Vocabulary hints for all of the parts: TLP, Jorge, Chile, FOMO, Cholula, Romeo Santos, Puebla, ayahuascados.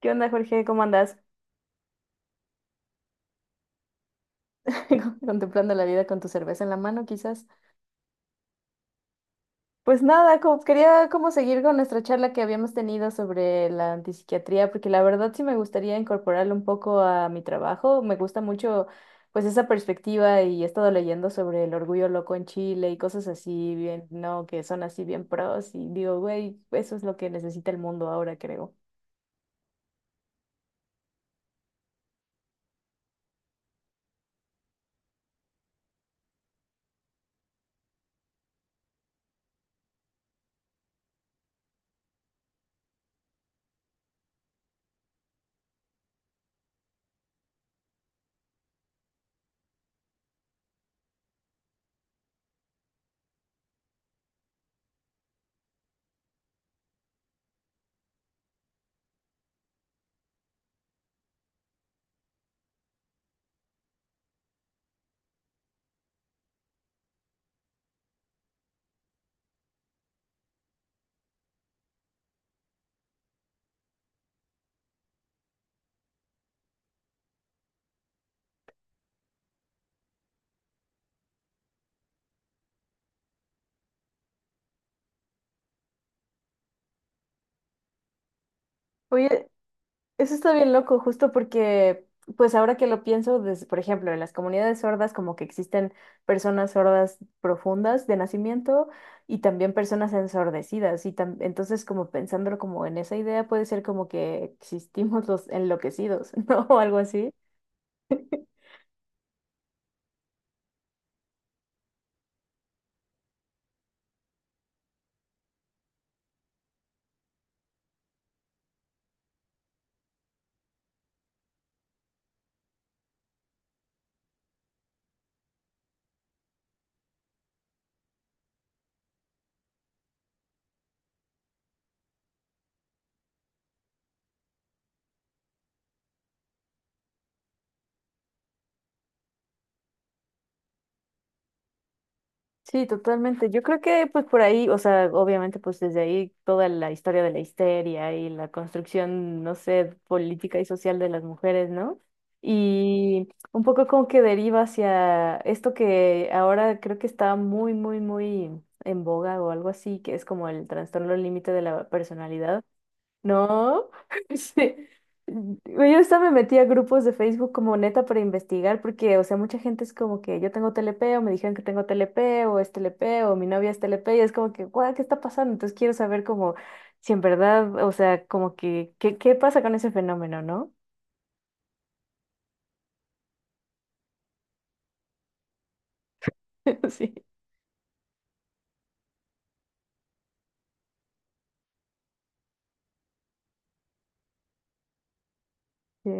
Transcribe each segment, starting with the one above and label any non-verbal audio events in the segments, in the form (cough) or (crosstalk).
¿Qué onda, Jorge? ¿Cómo andas? (laughs) Contemplando la vida con tu cerveza en la mano, quizás. Pues nada, quería como seguir con nuestra charla que habíamos tenido sobre la antipsiquiatría, porque la verdad sí me gustaría incorporarlo un poco a mi trabajo. Me gusta mucho pues esa perspectiva y he estado leyendo sobre el orgullo loco en Chile y cosas así bien, ¿no? Que son así bien pros y digo, güey, eso es lo que necesita el mundo ahora, creo. Oye, eso está bien loco, justo porque, pues ahora que lo pienso, por ejemplo, en las comunidades sordas, como que existen personas sordas profundas de nacimiento y también personas ensordecidas. Entonces, como pensándolo como en esa idea, puede ser como que existimos los enloquecidos, (laughs) ¿no? O algo así. Sí, totalmente. Yo creo que pues por ahí, o sea, obviamente pues desde ahí toda la historia de la histeria y la construcción, no sé, política y social de las mujeres, ¿no? Y un poco como que deriva hacia esto que ahora creo que está muy, muy, muy en boga o algo así, que es como el trastorno límite de la personalidad no, (laughs) sí. Güey, yo hasta me metí a grupos de Facebook como neta para investigar, porque, o sea, mucha gente es como que yo tengo TLP, o me dijeron que tengo TLP, o es TLP, o mi novia es TLP, y es como que, guau, ¿qué está pasando? Entonces quiero saber como si en verdad, o sea, como que, ¿qué, qué pasa con ese fenómeno, no? (laughs) Sí. Sí.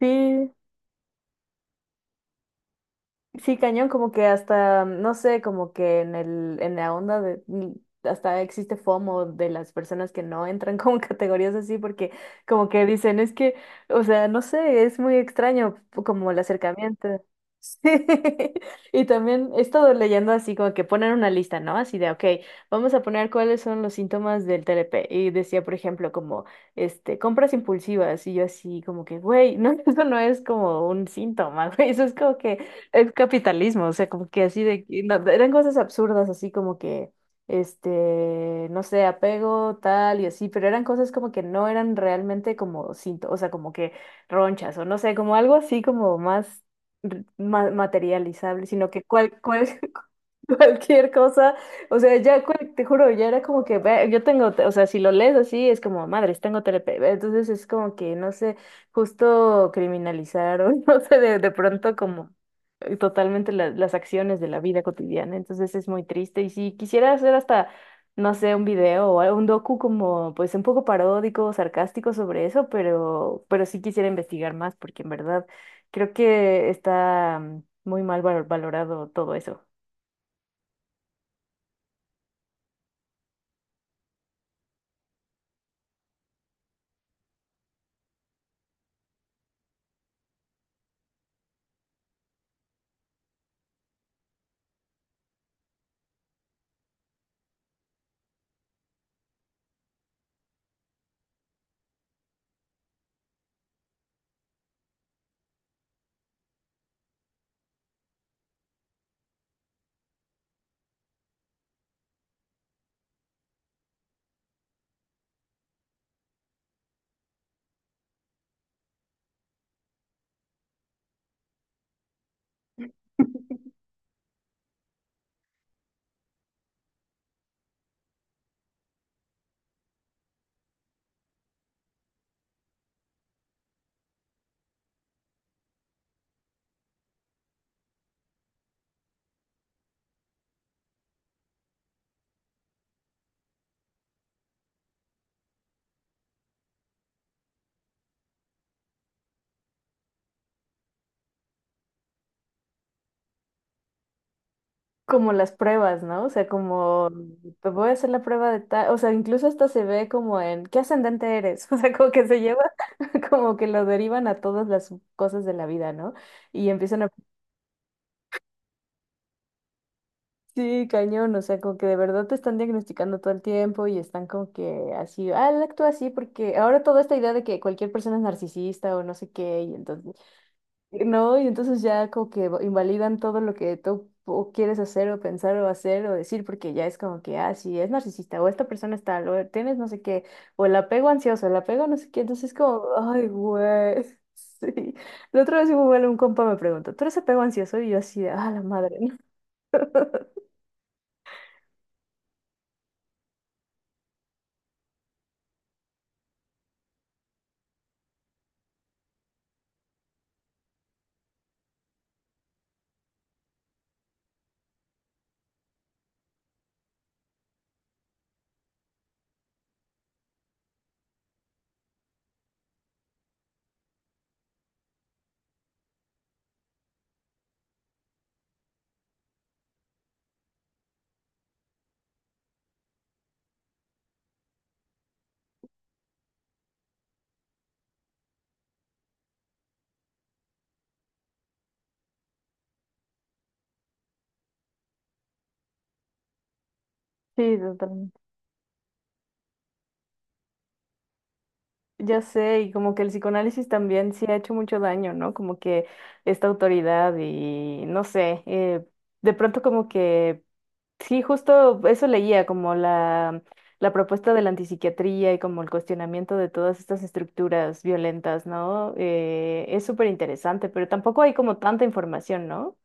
Sí. Sí, cañón, como que hasta, no sé, como que en el, en la onda de, hasta existe FOMO de las personas que no entran (laughs) como en categorías así, porque como que dicen, es que, o sea, no sé, es muy extraño como el acercamiento. Sí. (laughs) Y también he estado leyendo así como que ponen una lista, ¿no? Así de, ok, vamos a poner cuáles son los síntomas del TLP. Y decía, por ejemplo, como, compras impulsivas. Y yo así como que, güey, no, (laughs) eso no es como un síntoma, güey, eso es como que el capitalismo, o sea, como que así de, no, eran cosas absurdas, así como que, no sé, apego, tal y así, pero eran cosas como que no eran realmente como cinto, o sea, como que ronchas, o no sé, como algo así como más, materializable, sino que cuál, cuál, (laughs) (laughs) cualquier cosa, o sea, te juro, ya era como que ve, yo tengo, o sea, si lo lees así es como, madres, tengo TLP, entonces es como que, no sé, justo criminalizaron, (laughs) no sé, de pronto como totalmente las acciones de la vida cotidiana, entonces es muy triste y si quisiera hacer hasta, no sé, un video o algo- un docu como, pues un poco paródico, sarcástico sobre eso, pero sí quisiera investigar más porque en verdad creo que está muy mal valorado todo eso. Como las pruebas, ¿no? O sea, como te voy a hacer la prueba de tal, o sea, incluso hasta se ve como en ¿qué ascendente eres? (laughs) O sea, como que se lleva, (laughs) como que lo derivan a todas las cosas de la vida, ¿no? Y empiezan a, sí, cañón, o sea, como que de verdad te están diagnosticando todo el tiempo y están como que así, ah, él actúa así porque ahora toda esta idea de que cualquier persona es narcisista o no sé qué, y entonces no, y entonces ya como que invalidan todo lo que tú o quieres hacer o pensar o hacer o decir, porque ya es como que, ah, sí, es narcisista, o esta persona está tal, o tienes no sé qué, o el apego ansioso, el apego no sé qué, entonces es como, ay, güey, (laughs) sí. La otra vez igual un compa me preguntó, ¿tú eres apego ansioso? Y yo así, de, ah, la madre, (laughs) ¿no? Sí, totalmente. Ya sé, y como que el psicoanálisis también sí ha hecho mucho daño, ¿no? Como que esta autoridad y no sé, de pronto como que sí, justo eso leía, como la propuesta de la antipsiquiatría y como el cuestionamiento de todas estas estructuras violentas, ¿no? Es súper interesante, pero tampoco hay como tanta información, ¿no?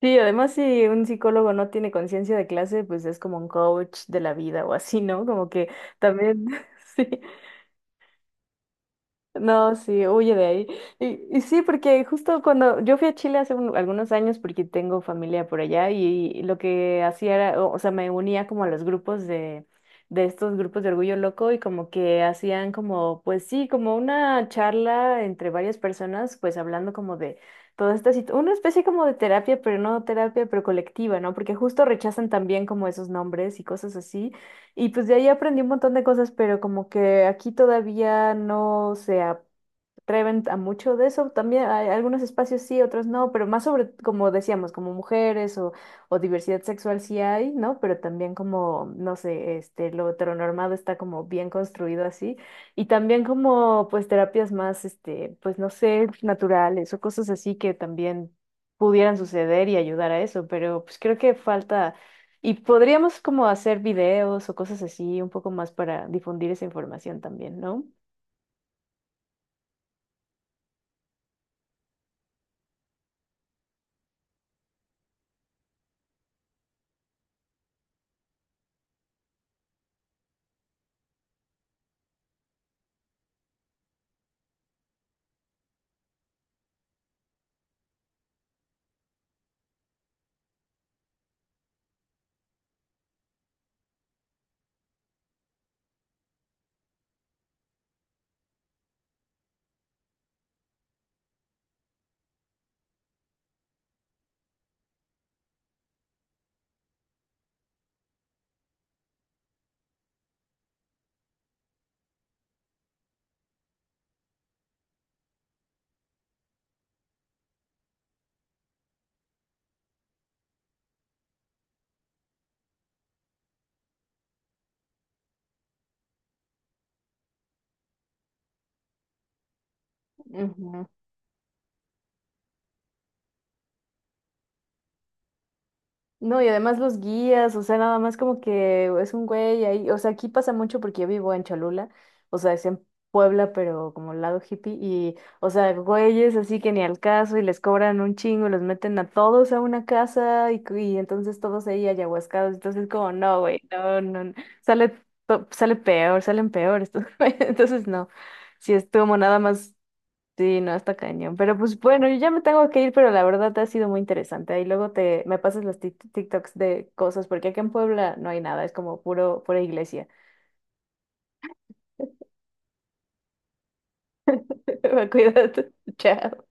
Sí, además si un psicólogo no tiene conciencia de clase, pues es como un coach de la vida o así, ¿no? Como que también, (laughs) sí, no, sí, huye de ahí. Y sí, porque justo cuando yo fui a Chile hace algunos años, porque tengo familia por allá, y, lo que hacía era, o sea, me unía como a los grupos de estos grupos de orgullo loco y como que hacían como, pues sí, como una charla entre varias personas, pues hablando como de toda esta situación, una especie como de terapia, pero no terapia, pero colectiva, ¿no? Porque justo rechazan también como esos nombres y cosas así. Y pues de ahí aprendí un montón de cosas, pero como que aquí todavía no se, treven a mucho de eso. También hay algunos espacios sí, otros no, pero más sobre, como decíamos, como mujeres o diversidad sexual sí hay, ¿no? Pero también como, no sé, lo heteronormado está como bien construido así. Y también como, pues, terapias más, pues, no sé, naturales o cosas así que también pudieran suceder y ayudar a eso, pero pues creo que falta, y podríamos como hacer videos o cosas así un poco más para difundir esa información también, ¿no? Ujú. No, y además los guías, o sea, nada más como que es un güey ahí, o sea, aquí pasa mucho porque yo vivo en Cholula, o sea, es en Puebla, pero como al lado hippie, y, o sea, güeyes así que ni al caso, y les cobran un chingo, y los meten a todos a una casa, y entonces todos ahí ayahuascados, entonces como, no, güey, no, no, no, sale, sale peor, salen peor estos (laughs) güeyes, entonces no, si es como nada más sí, no, está cañón. Pero pues bueno, yo ya me tengo que ir, pero la verdad ha sido muy interesante. Ahí luego te me pasas los TikToks de cosas, porque aquí en Puebla no hay nada, es como puro, pura iglesia. (laughs) Cuídate. Chao.